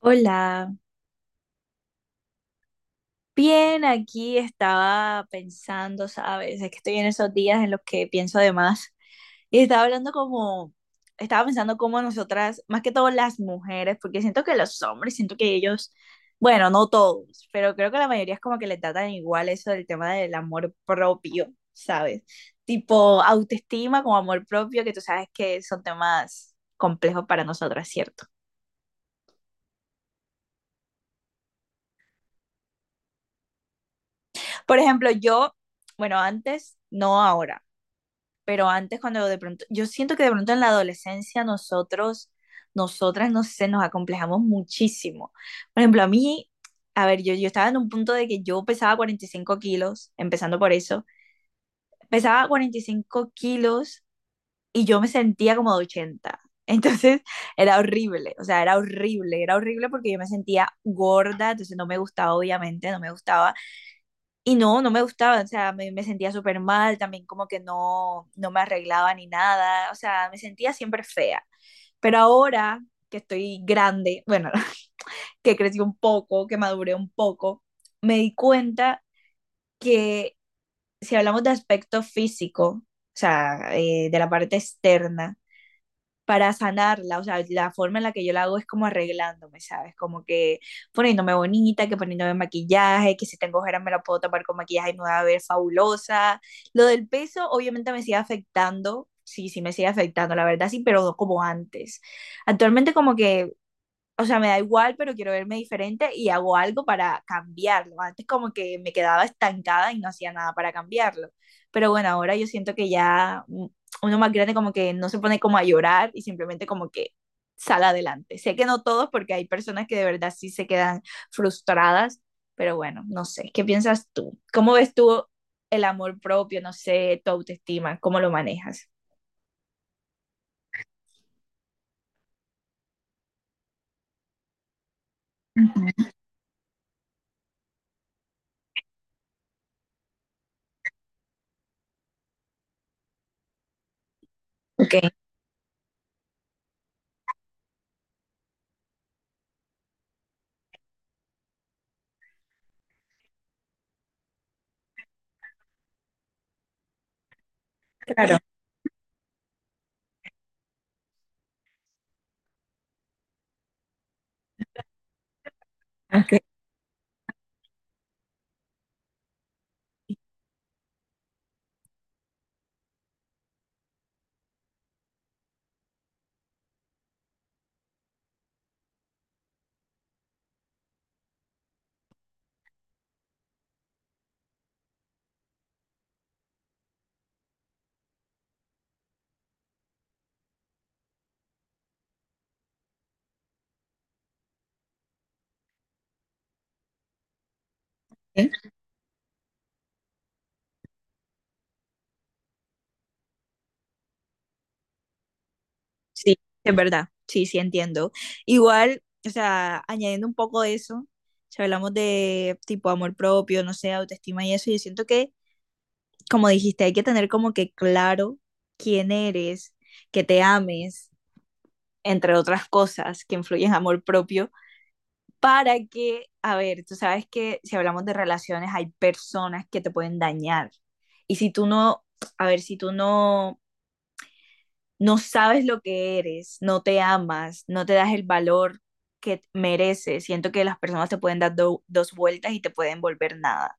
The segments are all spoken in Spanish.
Hola, bien, aquí estaba pensando, ¿sabes? Es que estoy en esos días en los que pienso de más. Y estaba hablando como, Estaba pensando cómo nosotras, más que todo las mujeres, porque siento que los hombres, siento que ellos, bueno, no todos, pero creo que la mayoría es como que le tratan igual eso del tema del amor propio, ¿sabes? Tipo autoestima como amor propio, que tú sabes que son temas complejos para nosotras, ¿cierto? Por ejemplo, yo, bueno, antes, no ahora. Pero antes cuando de pronto, yo siento que de pronto en la adolescencia nosotras, no sé, nos acomplejamos muchísimo. Por ejemplo, a mí, a ver, yo estaba en un punto de que yo pesaba 45 kilos, empezando por eso, pesaba 45 kilos y yo me sentía como de 80. Entonces era horrible, o sea, era horrible porque yo me sentía gorda, entonces no me gustaba, obviamente, no me gustaba. Y no, no me gustaba, o sea, me sentía súper mal, también como que no, no me arreglaba ni nada, o sea, me sentía siempre fea. Pero ahora que estoy grande, bueno, que crecí un poco, que maduré un poco, me di cuenta que si hablamos de aspecto físico, o sea, de la parte externa, para sanarla, o sea, la forma en la que yo la hago es como arreglándome, ¿sabes? Como que poniéndome bonita, que poniéndome maquillaje, que si tengo ojeras me la puedo tapar con maquillaje y me voy a ver fabulosa. Lo del peso obviamente me sigue afectando, sí, sí me sigue afectando, la verdad sí, pero no como antes. Actualmente como que o sea, me da igual, pero quiero verme diferente y hago algo para cambiarlo. Antes como que me quedaba estancada y no hacía nada para cambiarlo. Pero bueno, ahora yo siento que ya uno más grande como que no se pone como a llorar y simplemente como que sale adelante. Sé que no todos porque hay personas que de verdad sí se quedan frustradas, pero bueno, no sé, ¿qué piensas tú? ¿Cómo ves tú el amor propio, no sé, tu autoestima, cómo lo manejas? Uh -huh. Ok. Claro, okay. Sí, es verdad. Sí, sí, entiendo. Igual, o sea, añadiendo un poco de eso, si hablamos de tipo amor propio, no sé, autoestima y eso, yo siento que, como dijiste, hay que tener como que claro quién eres, que te ames, entre otras cosas que influyen en amor propio, para que, a ver, tú sabes que si hablamos de relaciones, hay personas que te pueden dañar. Y si tú no, a ver, si tú no no sabes lo que eres, no te amas, no te das el valor que mereces. Siento que las personas te pueden dar dos vueltas y te pueden volver nada.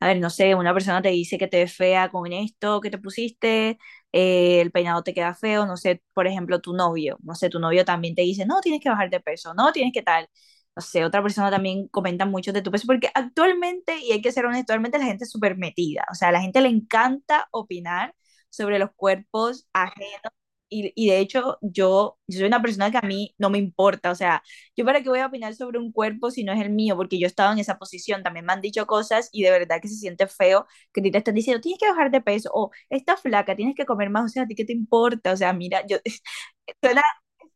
A ver, no sé, una persona te dice que te ves fea con esto que te pusiste, el peinado te queda feo, no sé, por ejemplo, tu novio, no sé, tu novio también te dice, no, tienes que bajar de peso, no, tienes que tal. No sé, otra persona también comenta mucho de tu peso, porque actualmente, y hay que ser honesto, actualmente la gente es súper metida, o sea, a la gente le encanta opinar sobre los cuerpos ajenos. Y de hecho, yo soy una persona que a mí no me importa, o sea, yo para qué voy a opinar sobre un cuerpo si no es el mío, porque yo he estado en esa posición, también me han dicho cosas y de verdad que se siente feo que te están diciendo, tienes que bajar de peso o estás flaca, tienes que comer más, o sea, ¿a ti qué te importa? O sea, mira, yo suena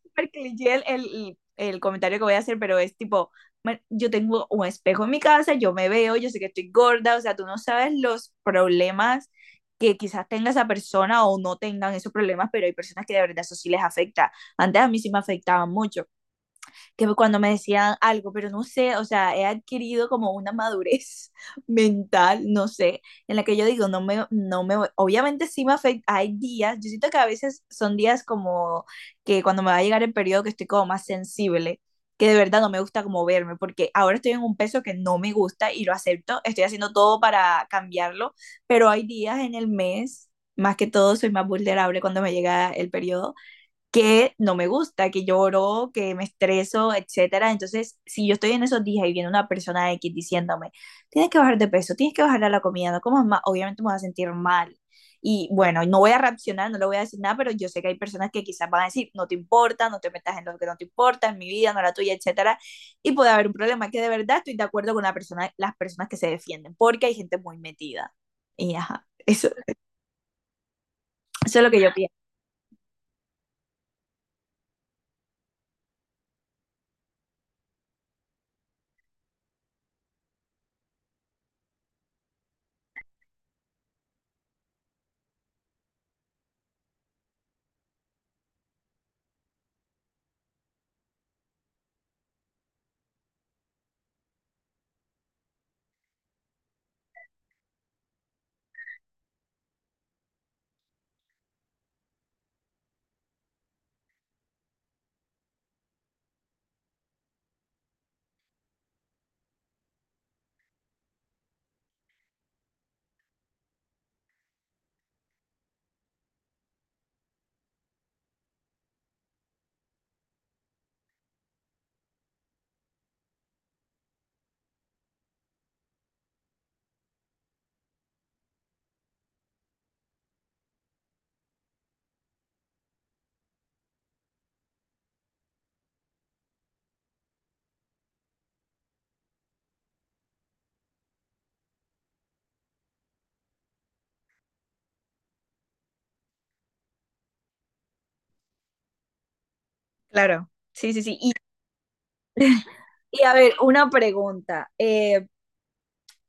súper cliché el comentario que voy a hacer, pero es tipo, yo tengo un espejo en mi casa, yo me veo, yo sé que estoy gorda, o sea, tú no sabes los problemas que quizás tenga esa persona o no tengan esos problemas, pero hay personas que de verdad eso sí les afecta. Antes a mí sí me afectaba mucho que cuando me decían algo, pero no sé, o sea, he adquirido como una madurez mental, no sé, en la que yo digo, no me, no me, obviamente sí me afecta, hay días, yo siento que a veces son días como que cuando me va a llegar el periodo que estoy como más sensible, que de verdad no me gusta como verme, porque ahora estoy en un peso que no me gusta y lo acepto, estoy haciendo todo para cambiarlo, pero hay días en el mes, más que todo soy más vulnerable cuando me llega el periodo, que no me gusta, que lloro, que me estreso, etcétera. Entonces, si yo estoy en esos días y viene una persona X diciéndome, tienes que bajar de peso, tienes que bajar a la comida, no comas más, obviamente me voy a sentir mal. Y bueno, no voy a reaccionar, no le voy a decir nada, pero yo sé que hay personas que quizás van a decir, no te importa, no te metas en lo que no te importa, en mi vida, no la tuya, etcétera. Y puede haber un problema que de verdad estoy de acuerdo con la persona, las personas que se defienden, porque hay gente muy metida. Y ajá, eso es lo que yo pienso. Claro. Sí, sí, sí. Y y a ver, una pregunta.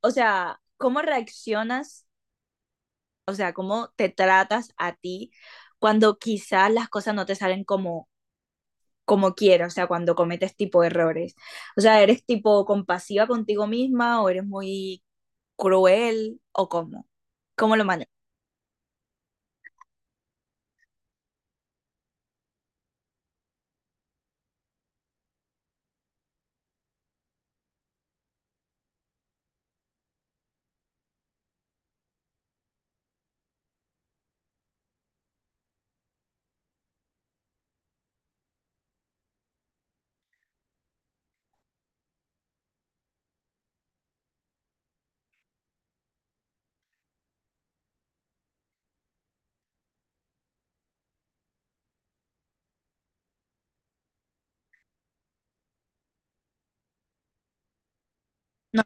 O sea, ¿cómo reaccionas? O sea, ¿cómo te tratas a ti cuando quizás las cosas no te salen como, como quieres? O sea, cuando cometes tipo errores. O sea, ¿eres tipo compasiva contigo misma o eres muy cruel o cómo? ¿Cómo lo manejas? No,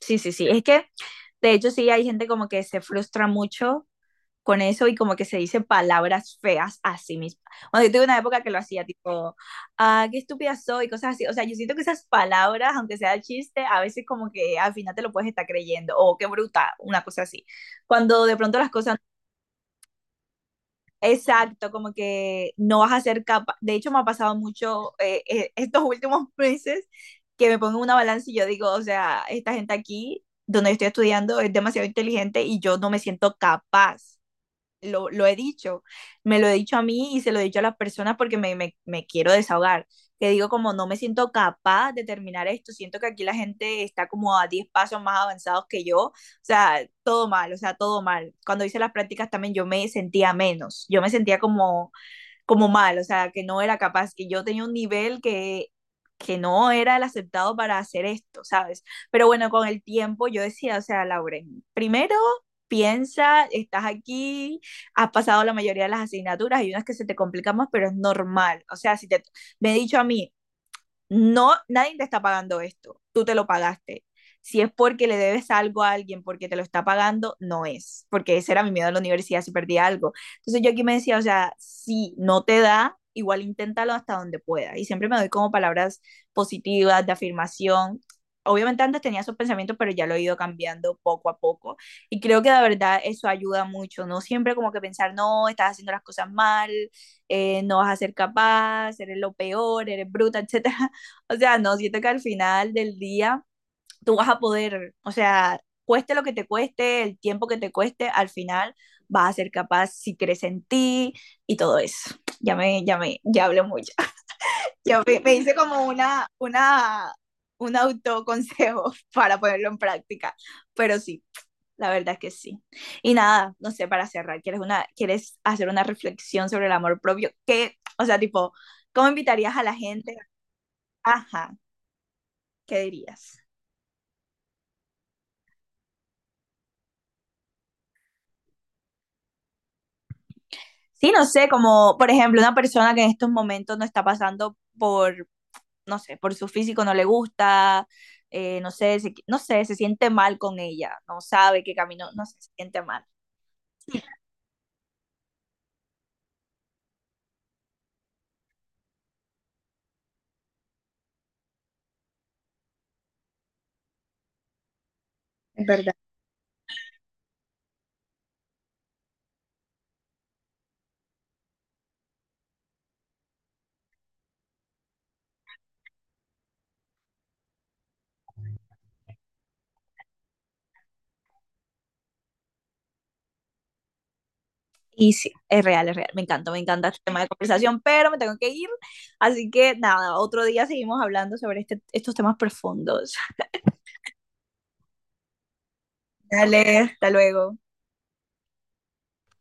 sí, sí, sí. Es que, de hecho, sí, hay gente como que se frustra mucho con eso y como que se dice palabras feas a sí misma. Bueno, yo tuve una época que lo hacía tipo, ah, qué estúpida soy, cosas así. O sea, yo siento que esas palabras, aunque sea chiste, a veces como que al final te lo puedes estar creyendo, o qué bruta, una cosa así. Cuando de pronto las cosas, exacto, como que no vas a ser capaz. De hecho, me ha pasado mucho estos últimos meses que me pongo en una balanza y yo digo, o sea, esta gente aquí, donde yo estoy estudiando, es demasiado inteligente y yo no me siento capaz lo he dicho, me lo he dicho a mí y se lo he dicho a las personas porque me quiero desahogar, que digo como no me siento capaz de terminar esto, siento que aquí la gente está como a 10 pasos más avanzados que yo, o sea, todo mal, o sea, todo mal. Cuando hice las prácticas también yo me sentía menos, yo me sentía como como mal, o sea, que no era capaz, que yo tenía un nivel que no era el aceptado para hacer esto, ¿sabes? Pero bueno, con el tiempo yo decía, o sea, Lauren, primero piensa, estás aquí, has pasado la mayoría de las asignaturas, hay unas que se te complican más, pero es normal. O sea, si te, me he dicho a mí, no, nadie te está pagando esto, tú te lo pagaste. Si es porque le debes algo a alguien porque te lo está pagando, no es, porque ese era mi miedo en la universidad si perdía algo. Entonces yo aquí me decía, o sea, si no te da, igual inténtalo hasta donde pueda. Y siempre me doy como palabras positivas, de afirmación. Obviamente antes tenía esos pensamientos, pero ya lo he ido cambiando poco a poco. Y creo que de verdad eso ayuda mucho. No siempre como que pensar, no, estás haciendo las cosas mal, no vas a ser capaz, eres lo peor, eres bruta, etcétera, o sea, no, siento que al final del día tú vas a poder, o sea, cueste lo que te cueste, el tiempo que te cueste, al final vas a ser capaz si crees en ti y todo eso. Ya hablé mucho. Me hice como un autoconsejo para ponerlo en práctica, pero sí, la verdad es que sí. Y nada, no sé, para cerrar, ¿quieres hacer una reflexión sobre el amor propio? ¿Qué, o sea, tipo, cómo invitarías a la gente? Ajá, ¿qué dirías? Sí, no sé, como por ejemplo una persona que en estos momentos no está pasando por, no sé, por su físico no le gusta, no sé, se, no sé, se siente mal con ella, no sabe qué camino, no sé, se siente mal. Es verdad. Y sí, es real, me encanta este tema de conversación, pero me tengo que ir, así que nada, otro día seguimos hablando sobre este, estos temas profundos. Dale, hasta luego.